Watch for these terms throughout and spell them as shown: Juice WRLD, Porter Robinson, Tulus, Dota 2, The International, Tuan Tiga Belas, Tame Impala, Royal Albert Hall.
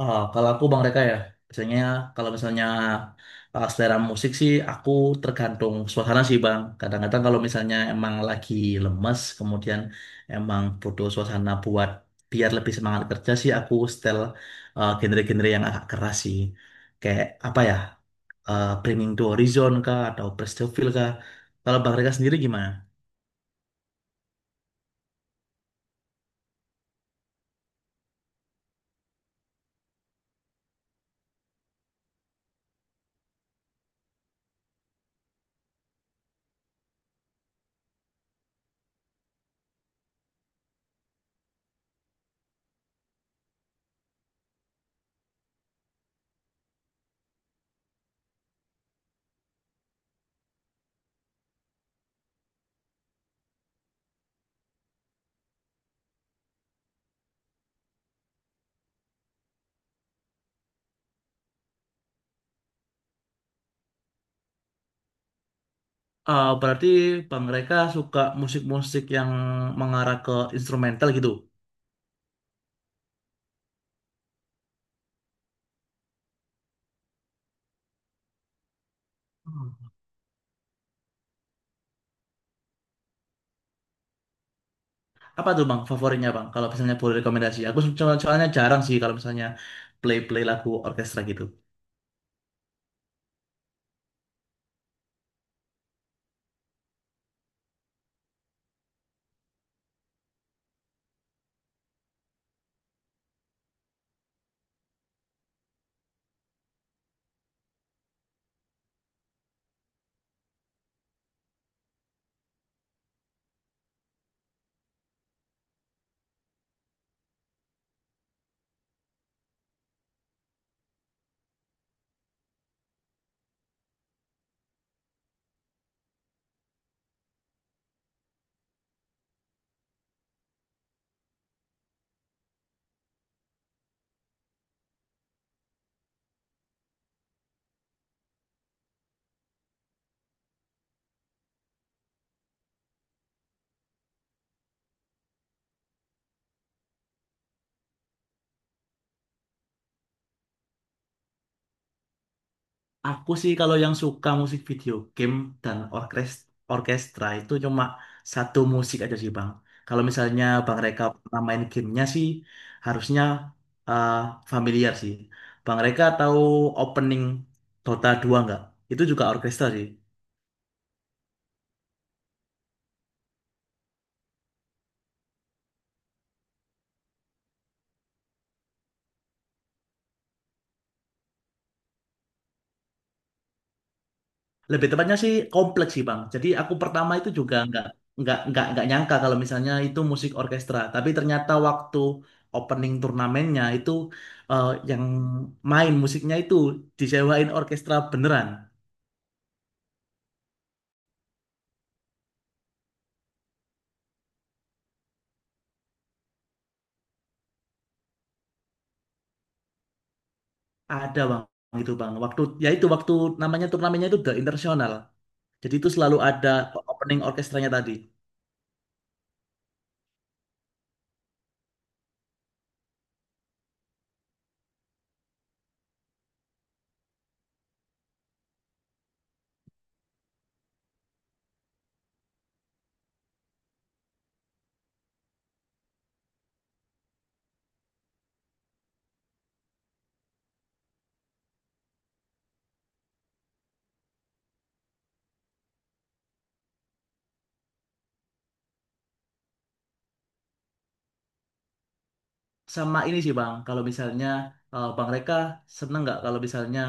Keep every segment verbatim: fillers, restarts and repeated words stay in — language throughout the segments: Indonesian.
Ah, kalau aku Bang Reka ya, biasanya kalau misalnya ah, selera musik sih aku tergantung suasana sih Bang. Kadang-kadang kalau misalnya emang lagi lemes, kemudian emang butuh suasana buat biar lebih semangat kerja sih aku setel ah, genre-genre yang agak keras sih. Kayak apa ya, eh Bringing to Horizon kah, atau Praise the Feel kah. Kalau Bang Reka sendiri gimana? Ah, berarti Bang Reka suka musik-musik yang mengarah ke instrumental gitu? Apa tuh Bang favoritnya Bang? Kalau misalnya boleh rekomendasi, aku so- soalnya jarang sih kalau misalnya play-play lagu orkestra gitu. Aku sih kalau yang suka musik video game dan orkes- orkestra itu cuma satu musik aja sih Bang. Kalau misalnya Bang Reka pernah main gamenya sih harusnya eh, familiar sih. Bang Reka tahu opening Dota dua nggak? Itu juga orkestra sih. Lebih tepatnya sih kompleks sih Bang. Jadi aku pertama itu juga nggak nggak nggak nggak nyangka kalau misalnya itu musik orkestra. Tapi ternyata waktu opening turnamennya itu, eh, yang main musiknya itu disewain orkestra beneran. Ada Bang itu Bang. Waktu ya itu waktu namanya turnamennya itu The International. Jadi itu selalu ada opening orkestranya tadi. Sama ini sih Bang. Kalau misalnya eh, Bang Reka seneng nggak kalau misalnya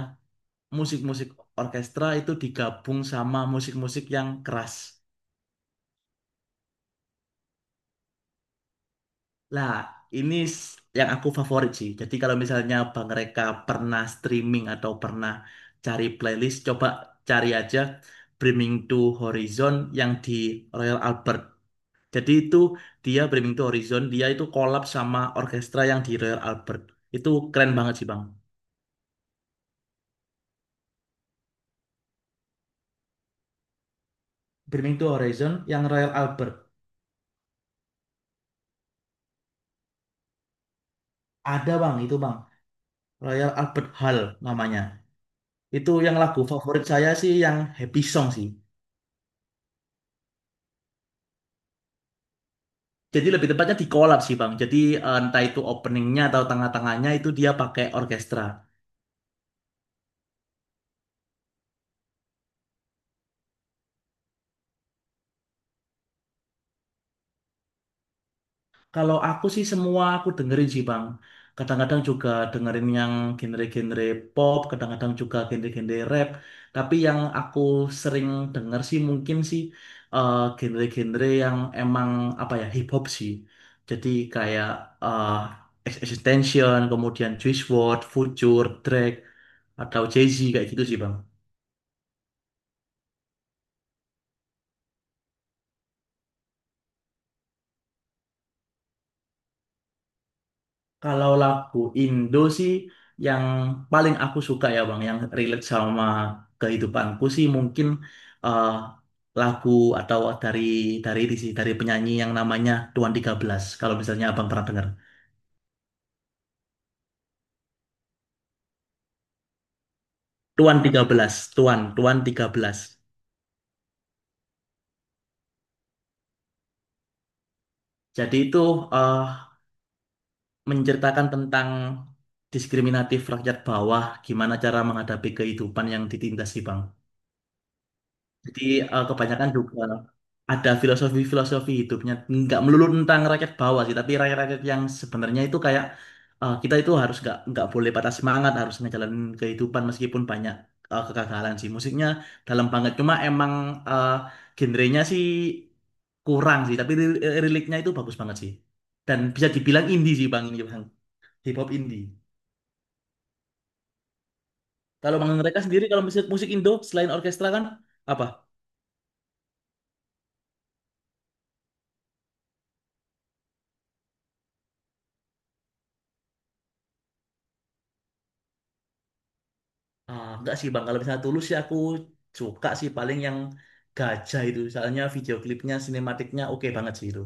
musik-musik orkestra itu digabung sama musik-musik yang keras. Lah, ini s- yang aku favorit sih. Jadi kalau misalnya Bang Reka pernah streaming atau pernah cari playlist, coba cari aja Brimming to Horizon yang di Royal Albert. Jadi itu dia Brimming to Horizon, dia itu collab sama orkestra yang di Royal Albert. Itu keren banget sih, Bang. Brimming to Horizon yang Royal Albert. Ada, Bang, itu, Bang. Royal Albert Hall namanya. Itu yang lagu favorit saya sih yang Happy Song sih. Jadi lebih tepatnya di collab sih Bang. Jadi eh, entah itu openingnya atau tengah-tengahnya itu dia pakai orkestra. Kalau aku sih semua aku dengerin sih Bang. Kadang-kadang juga dengerin yang genre-genre pop, kadang-kadang juga genre-genre rap. Tapi yang aku sering denger sih mungkin sih eh, genre-genre yang emang apa ya hip hop sih. Jadi kayak eh, Ex- Extension, kemudian Juice WRLD, Future, Drake, atau Jay-Z kayak gitu sih Bang. Kalau lagu Indo sih yang paling aku suka ya Bang, yang relate sama kehidupanku sih mungkin eh, lagu atau dari dari ini sih, dari penyanyi yang namanya Tuan Tiga Belas. Kalau misalnya Abang pernah dengar. Tuan Tiga Belas Tuan, Tuan Tiga Belas Jadi itu eh, menceritakan tentang diskriminatif rakyat bawah, gimana cara menghadapi kehidupan yang ditindas sih Bang. Jadi eh, kebanyakan juga ada filosofi-filosofi hidupnya. Nggak melulu tentang rakyat bawah sih, tapi rakyat-rakyat yang sebenarnya itu kayak eh, kita itu harus nggak nggak boleh patah semangat, harus ngejalanin kehidupan meskipun banyak eh, kegagalan sih. Musiknya dalam banget, cuma emang eh, genrenya sih kurang sih, tapi ri- liriknya itu bagus banget sih. Dan bisa dibilang indie sih Bang ini Bang, hip hop indie. Kalau Bang mereka sendiri kalau musik musik Indo selain orkestra kan apa? Ah, enggak sih Bang, kalau misalnya Tulus sih aku suka sih paling yang gajah itu. Misalnya video klipnya, sinematiknya oke banget sih itu.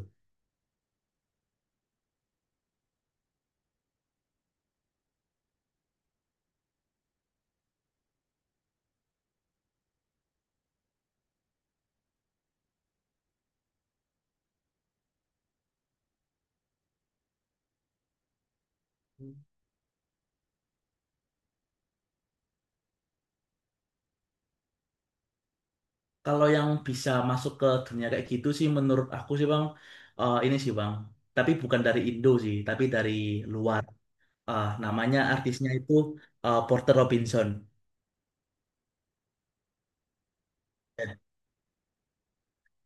Kalau yang bisa masuk ke dunia kayak gitu sih menurut aku sih Bang, eh, ini sih Bang. Tapi bukan dari Indo sih, tapi dari luar. Ah, namanya artisnya itu eh, Porter Robinson.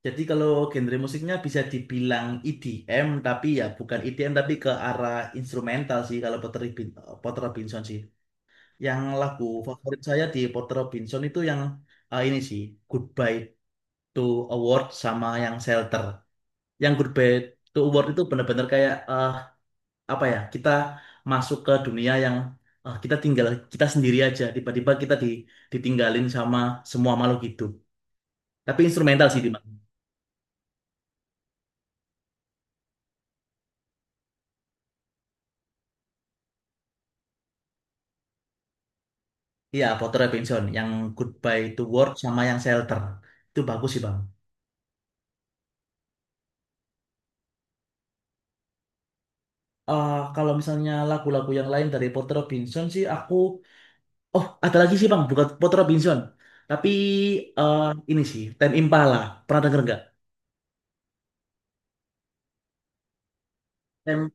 Jadi kalau genre musiknya bisa dibilang E D M, tapi ya bukan E D M tapi ke arah instrumental sih kalau Porter, Robin- Porter Robinson sih. Yang lagu favorit saya di Porter Robinson itu yang eh, ini sih, Goodbye to Award sama yang Shelter. Yang Goodbye to Award itu benar-benar kayak eh, apa ya? Kita masuk ke dunia yang eh, kita tinggal kita sendiri aja. Tiba-tiba kita di, ditinggalin sama semua makhluk hidup. Tapi instrumental sih, Bang. Iya, Porter Robinson. Yang Goodbye to Award sama yang Shelter. Itu bagus sih, Bang. Eh, kalau misalnya lagu-lagu yang lain dari Porter Robinson sih aku. Oh, ada lagi sih Bang, bukan Port Robinson. Tapi eh, ini sih, Ten Impala. Pernah denger nggak? Tem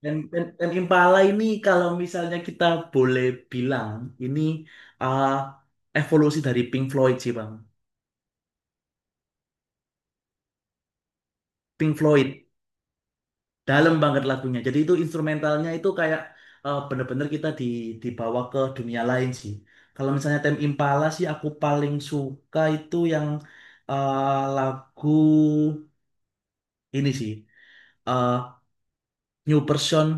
Tem Tem Ten Impala ini kalau misalnya kita boleh bilang, ini eh, evolusi dari Pink Floyd sih Bang. Pink Floyd, dalam banget lagunya. Jadi itu instrumentalnya itu kayak eh, bener-bener kita di, dibawa ke dunia lain sih. Kalau misalnya Tem Impala sih aku paling suka itu yang eh, lagu ini sih. eh, New person,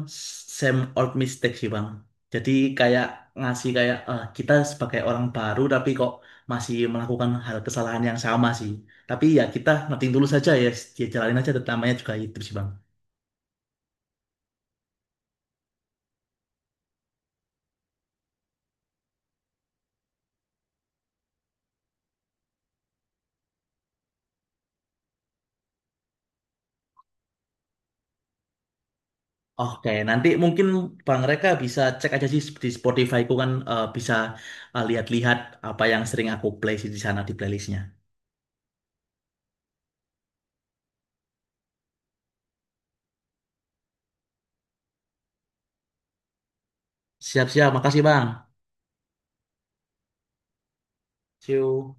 same old mistake sih Bang. Jadi kayak ngasih kayak eh, kita sebagai orang baru tapi kok masih melakukan hal kesalahan yang sama sih. Tapi ya kita noting dulu saja ya, dia jalanin aja namanya juga itu sih Bang. Oke, nanti mungkin Bang Reka bisa cek aja sih di Spotify ku kan eh, bisa eh, lihat-lihat apa yang sering aku play sih di sana di playlistnya. Siap-siap, makasih Bang. See you.